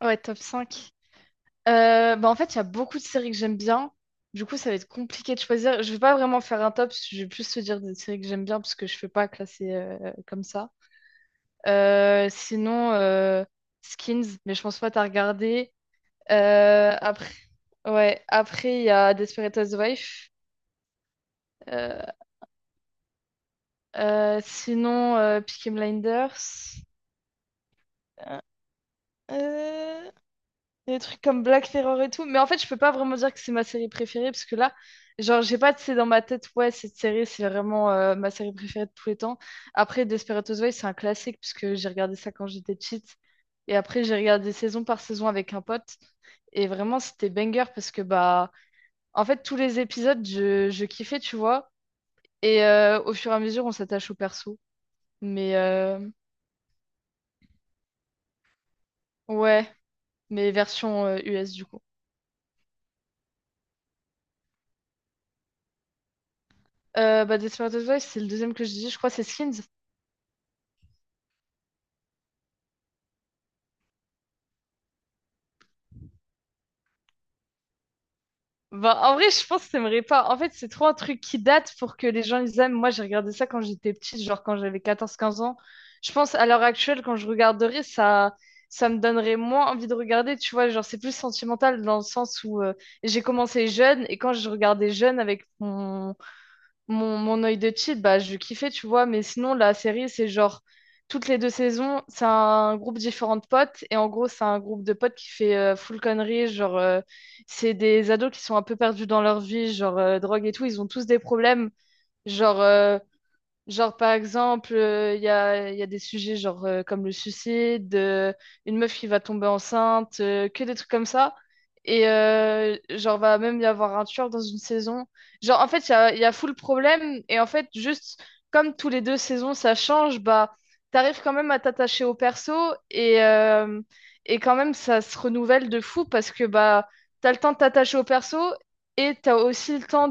Ouais, top cinq. Bah en fait, il y a beaucoup de séries que j'aime bien. Du coup, ça va être compliqué de choisir. Je vais pas vraiment faire un top, je vais plus te dire des séries que j'aime bien parce que je fais pas classer comme ça. Sinon, Skins, mais je pense pas t'as regardé. Après, ouais, après, il y a Desperate Housewives. Euh, Sinon, Peaky Blinders. Euh, euh, Des trucs comme Black Mirror et tout. Mais en fait, je peux pas vraiment dire que c'est ma série préférée parce que là, genre, j'ai pas, c'est dans ma tête, ouais, cette série, c'est vraiment ma série préférée de tous les temps. Après, Desperate Housewives, c'est un classique puisque j'ai regardé ça quand j'étais petite. Et après, j'ai regardé saison par saison avec un pote. Et vraiment, c'était banger parce que, bah, en fait, tous les épisodes, je kiffais, tu vois. Et au fur et à mesure, on s'attache au perso. Mais ouais, mais version US du coup. Bah, Desperate Housewives, c'est le deuxième que je dis. Je crois que c'est Skins. Bah, en vrai, je pense que t'aimerais pas. En fait, c'est trop un truc qui date pour que les gens ils aiment. Moi, j'ai regardé ça quand j'étais petite, genre quand j'avais 14 15 ans. Je pense à l'heure actuelle, quand je regarderais, ça me donnerait moins envie de regarder, tu vois. Genre, c'est plus sentimental dans le sens où j'ai commencé jeune et quand je regardais jeune avec mon œil de cheat, bah, je kiffais, tu vois, mais sinon, la série, c'est genre, toutes les deux saisons, c'est un groupe différent de potes, et en gros, c'est un groupe de potes qui fait full conneries, genre, c'est des ados qui sont un peu perdus dans leur vie, genre, drogue et tout, ils ont tous des problèmes, genre, Genre, par exemple, il y a des sujets genre, comme le suicide, une meuf qui va tomber enceinte, que des trucs comme ça. Et genre, va même y avoir un tueur dans une saison. Genre, en fait, il y a full problème. Et en fait, juste comme tous les deux saisons, ça change, bah, t'arrives quand même à t'attacher au perso. Et, euh, et quand même, ça se renouvelle de fou parce que bah, t'as le temps de t'attacher au perso et t'as aussi le temps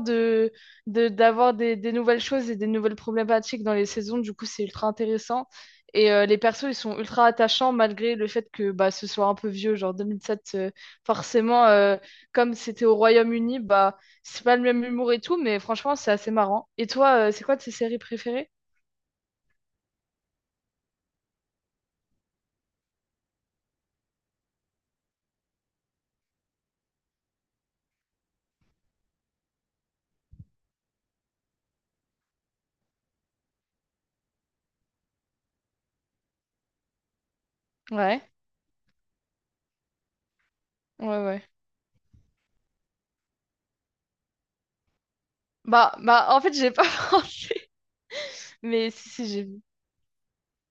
de d'avoir des nouvelles choses et des nouvelles problématiques dans les saisons. Du coup, c'est ultra intéressant. Et les persos, ils sont ultra attachants malgré le fait que bah, ce soit un peu vieux. Genre 2007, forcément, comme c'était au Royaume-Uni, bah, c'est pas le même humour et tout, mais franchement, c'est assez marrant. Et toi, c'est quoi tes séries préférées? Ouais, ouais, ouais. Bah, bah, en fait, j'ai pas pensé, mais si, si, j'ai vu.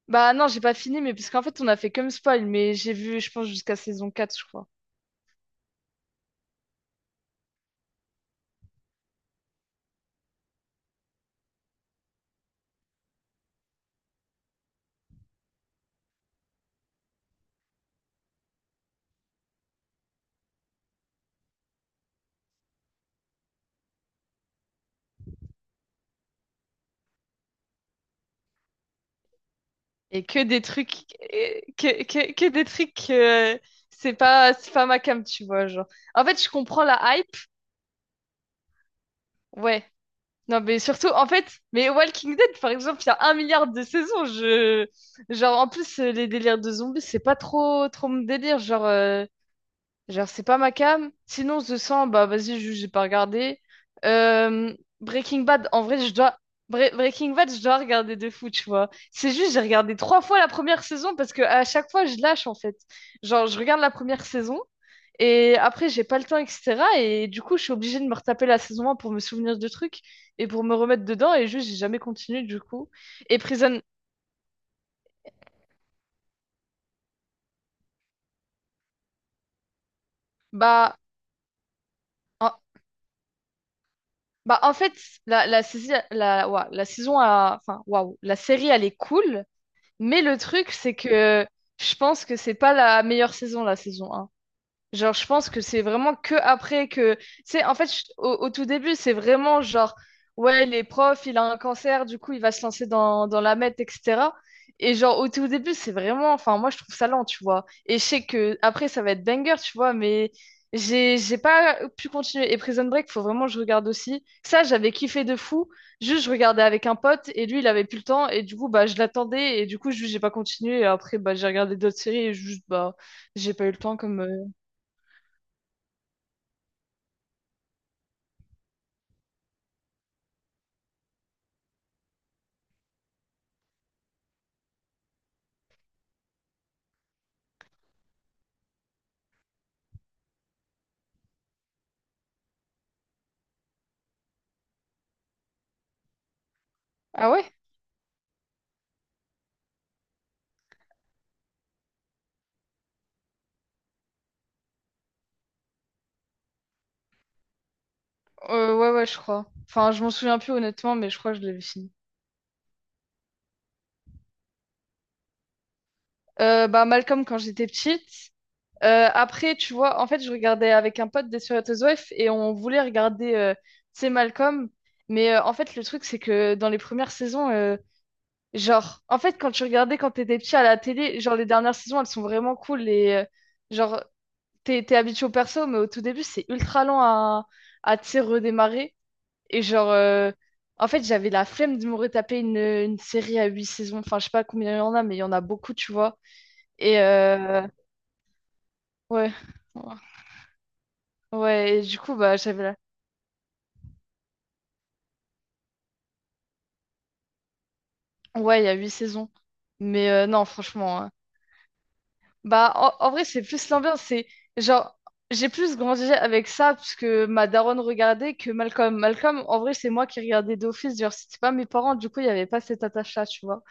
Bah, non, j'ai pas fini, mais parce qu'en fait, on a fait comme spoil, mais j'ai vu, je pense, jusqu'à saison 4 je crois. Et que des trucs, c'est pas ma cam, tu vois, genre. En fait, je comprends la hype, ouais. Non, mais surtout, en fait, mais Walking Dead, par exemple, il y a un milliard de saisons, je... Genre, en plus, les délires de zombies, c'est pas trop, trop mon délire, genre. Genre, c'est pas ma cam. Sinon, The 100, bah vas-y, juste, j'ai pas regardé. Euh, Breaking Bad, en vrai, je dois. Breaking Bad, je dois regarder de fou, tu vois. C'est juste, j'ai regardé trois fois la première saison parce que à chaque fois, je lâche, en fait. Genre, je regarde la première saison et après, j'ai pas le temps, etc. Et du coup, je suis obligée de me retaper la saison 1 pour me souvenir de trucs et pour me remettre dedans. Et juste, j'ai jamais continué, du coup. Et Prison, bah. en- En fait, la saison a... Enfin, la série, elle est cool, mais le truc, c'est que je pense que c'est pas la meilleure saison, la saison. Genre, je pense que c'est vraiment que après que. Tu sais, en fait, au tout début, c'est vraiment genre, ouais, les profs, il a un cancer, du coup, il va se lancer dans la meth, etc. Et genre, au tout début, c'est vraiment. Enfin, moi, je trouve ça lent, tu vois. Et je sais que après, ça va être banger, tu vois, mais j'ai pas pu continuer. Et Prison Break, faut vraiment que je regarde aussi. Ça, j'avais kiffé de fou. Juste, je regardais avec un pote, et lui, il avait plus le temps, et du coup, bah, je l'attendais, et du coup, juste, j'ai pas continué. Et après, bah, j'ai regardé d'autres séries, et juste, bah, j'ai pas eu le temps comme. Ah ouais? Ouais, ouais, je crois. Enfin, je m'en souviens plus honnêtement, mais je crois que je l'avais fini. Bah, Malcolm, quand j'étais petite. Après, tu vois, en fait, je regardais avec un pote des Wef et on voulait regarder, tu sais, Malcolm. Mais en fait, le truc, c'est que dans les premières saisons, genre, en fait, quand tu regardais quand t'étais petit à la télé, genre, les dernières saisons, elles sont vraiment cool. Et, genre, t'es habitué au perso, mais au tout début, c'est ultra lent à, tu sais, redémarrer. Et genre, en fait, j'avais la flemme de me retaper une série à huit saisons. Enfin, je sais pas combien il y en a, mais il y en a beaucoup, tu vois. Et ouais, ouais, et du coup, bah, j'avais la... Ouais, il y a huit saisons. Mais non, franchement. Hein. Bah, en vrai, c'est plus l'ambiance. C'est genre, j'ai plus grandi avec ça, parce que ma daronne regardait que Malcolm. Malcolm, en vrai, c'est moi qui regardais d'office. Genre, c'était pas mes parents, du coup, il n'y avait pas cette attache-là, tu vois.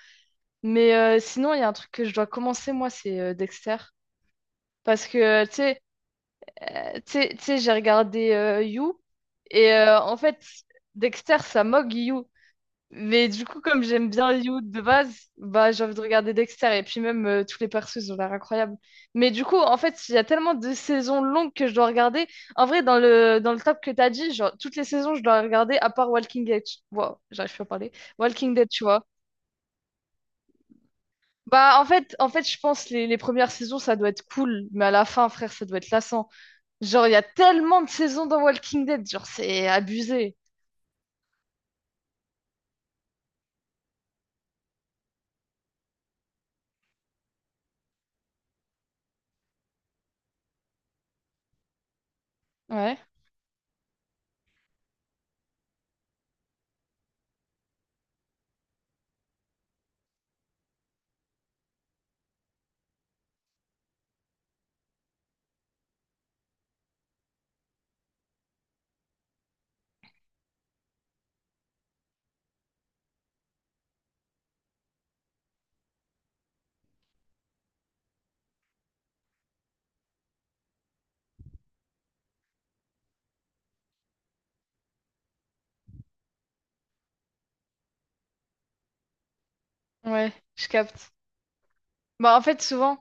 Mais sinon, il y a un truc que je dois commencer, moi, c'est Dexter. Parce que, tu sais, j'ai regardé You et en fait, Dexter, ça moque You. Mais du coup, comme j'aime bien You de base, bah j'ai envie de regarder Dexter et puis même tous les persos, ils ont l'air incroyables. Mais du coup, en fait, il y a tellement de saisons longues que je dois regarder. En vrai, dans le top que t'as dit, genre toutes les saisons, je dois regarder à part Walking Dead. Wow, j'arrive plus à parler. Walking Dead, tu vois. Bah en fait, je pense les premières saisons, ça doit être cool, mais à la fin, frère, ça doit être lassant. Genre, il y a tellement de saisons dans Walking Dead, genre, c'est abusé. Ouais, ouais, je capte. Bah, en fait, souvent,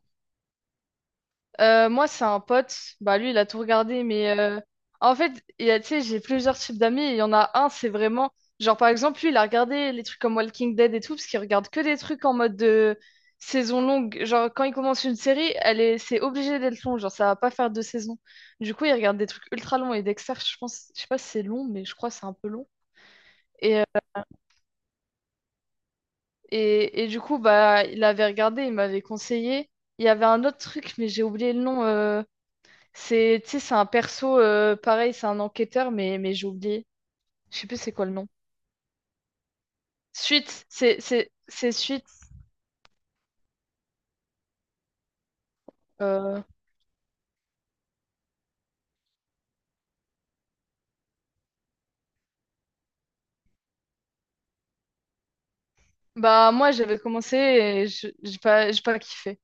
moi, c'est un pote, bah, lui, il a tout regardé, mais en fait, il y a, tu sais, j'ai plusieurs types d'amis, et il y en a un, c'est vraiment, genre, par exemple, lui, il a regardé les trucs comme Walking Dead et tout, parce qu'il regarde que des trucs en mode de saison longue. Genre, quand il commence une série, c'est obligé d'être long, genre, ça va pas faire deux saisons. Du coup, il regarde des trucs ultra longs, et Dexter, je pense, je sais pas si c'est long, mais je crois que c'est un peu long. Et du coup, bah, il avait regardé, il m'avait conseillé. Il y avait un autre truc, mais j'ai oublié le nom. C'est, tu sais, c'est un perso, pareil, c'est un enquêteur, mais j'ai oublié. Je sais plus c'est quoi le nom. Suite, c'est Suite. euh, Bah, moi, j'avais commencé et j'ai pas kiffé.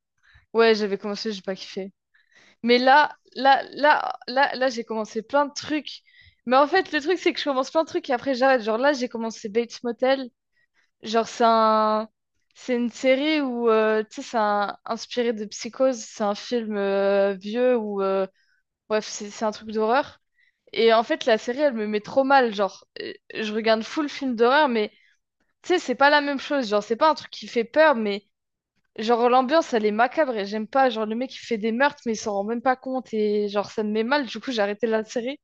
Ouais, j'avais commencé, j'ai pas kiffé. Mais là, là, là, là, là, j'ai commencé plein de trucs. Mais en fait, le truc, c'est que je commence plein de trucs et après, j'arrête. Genre là, j'ai commencé Bates Motel. Genre, c'est une série où, tu sais, inspiré de Psychose. C'est un film vieux où, bref, c'est un truc d'horreur. Et en fait, la série, elle me met trop mal. Genre, je regarde full film d'horreur, mais tu sais, c'est pas la même chose. Genre, c'est pas un truc qui fait peur, mais genre, l'ambiance, elle est macabre et j'aime pas. Genre, le mec, il fait des meurtres, mais il s'en rend même pas compte. Et genre, ça me met mal. Du coup, j'ai arrêté la série.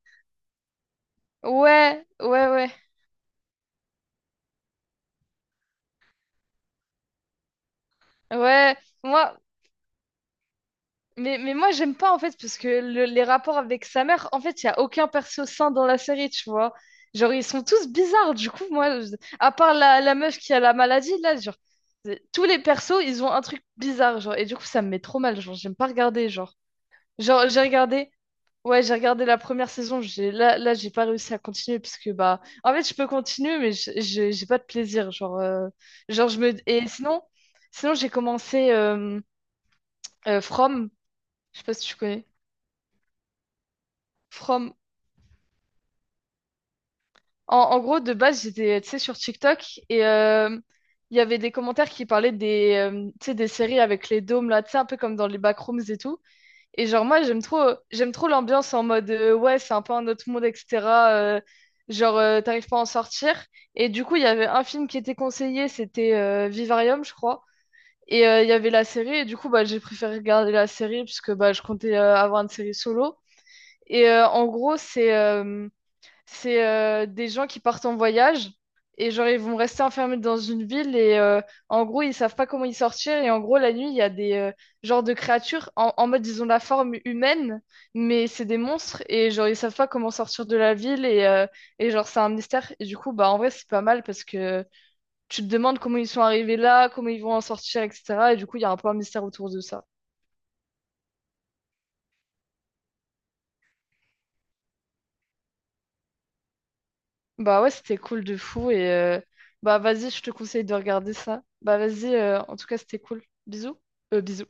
Ouais, ouais, ouais. Ouais, moi, mais moi, j'aime pas, en fait, parce que les rapports avec sa mère, en fait, il n'y a aucun perso sain dans la série, tu vois. Genre, ils sont tous bizarres, du coup, moi, à part la meuf qui a la maladie, là, genre, tous les persos, ils ont un truc bizarre, genre, et du coup, ça me met trop mal, genre, j'aime pas regarder, genre. Genre, ouais, j'ai regardé la première saison, là, là, j'ai pas réussi à continuer, parce que, bah, en fait, je peux continuer, mais j'ai pas de plaisir, genre, genre, et sinon, j'ai commencé From, je sais pas si tu connais. From. En gros, de base, j'étais, tu sais, sur TikTok et il y avait des commentaires qui parlaient tu sais, des séries avec les dômes là, tu sais, un peu comme dans les backrooms et tout. Et genre, moi, j'aime trop l'ambiance en mode, ouais, c'est un peu un autre monde, etc. euh, genre, t'arrives pas à en sortir. Et du coup, il y avait un film qui était conseillé, c'était Vivarium, je crois. Et il y avait la série, et du coup, bah, j'ai préféré regarder la série puisque bah, je comptais avoir une série solo. Et en gros, C'est des gens qui partent en voyage et genre ils vont rester enfermés dans une ville et en gros ils savent pas comment y sortir et en gros la nuit il y a des genres de créatures en mode ils ont la forme humaine mais c'est des monstres et genre ils savent pas comment sortir de la ville et genre c'est un mystère et du coup bah en vrai c'est pas mal parce que tu te demandes comment ils sont arrivés là, comment ils vont en sortir etc. et du coup il y a un peu un mystère autour de ça. Bah ouais, c'était cool de fou. Et bah vas-y, je te conseille de regarder ça. Bah vas-y, en tout cas, c'était cool. Bisous. Bisous.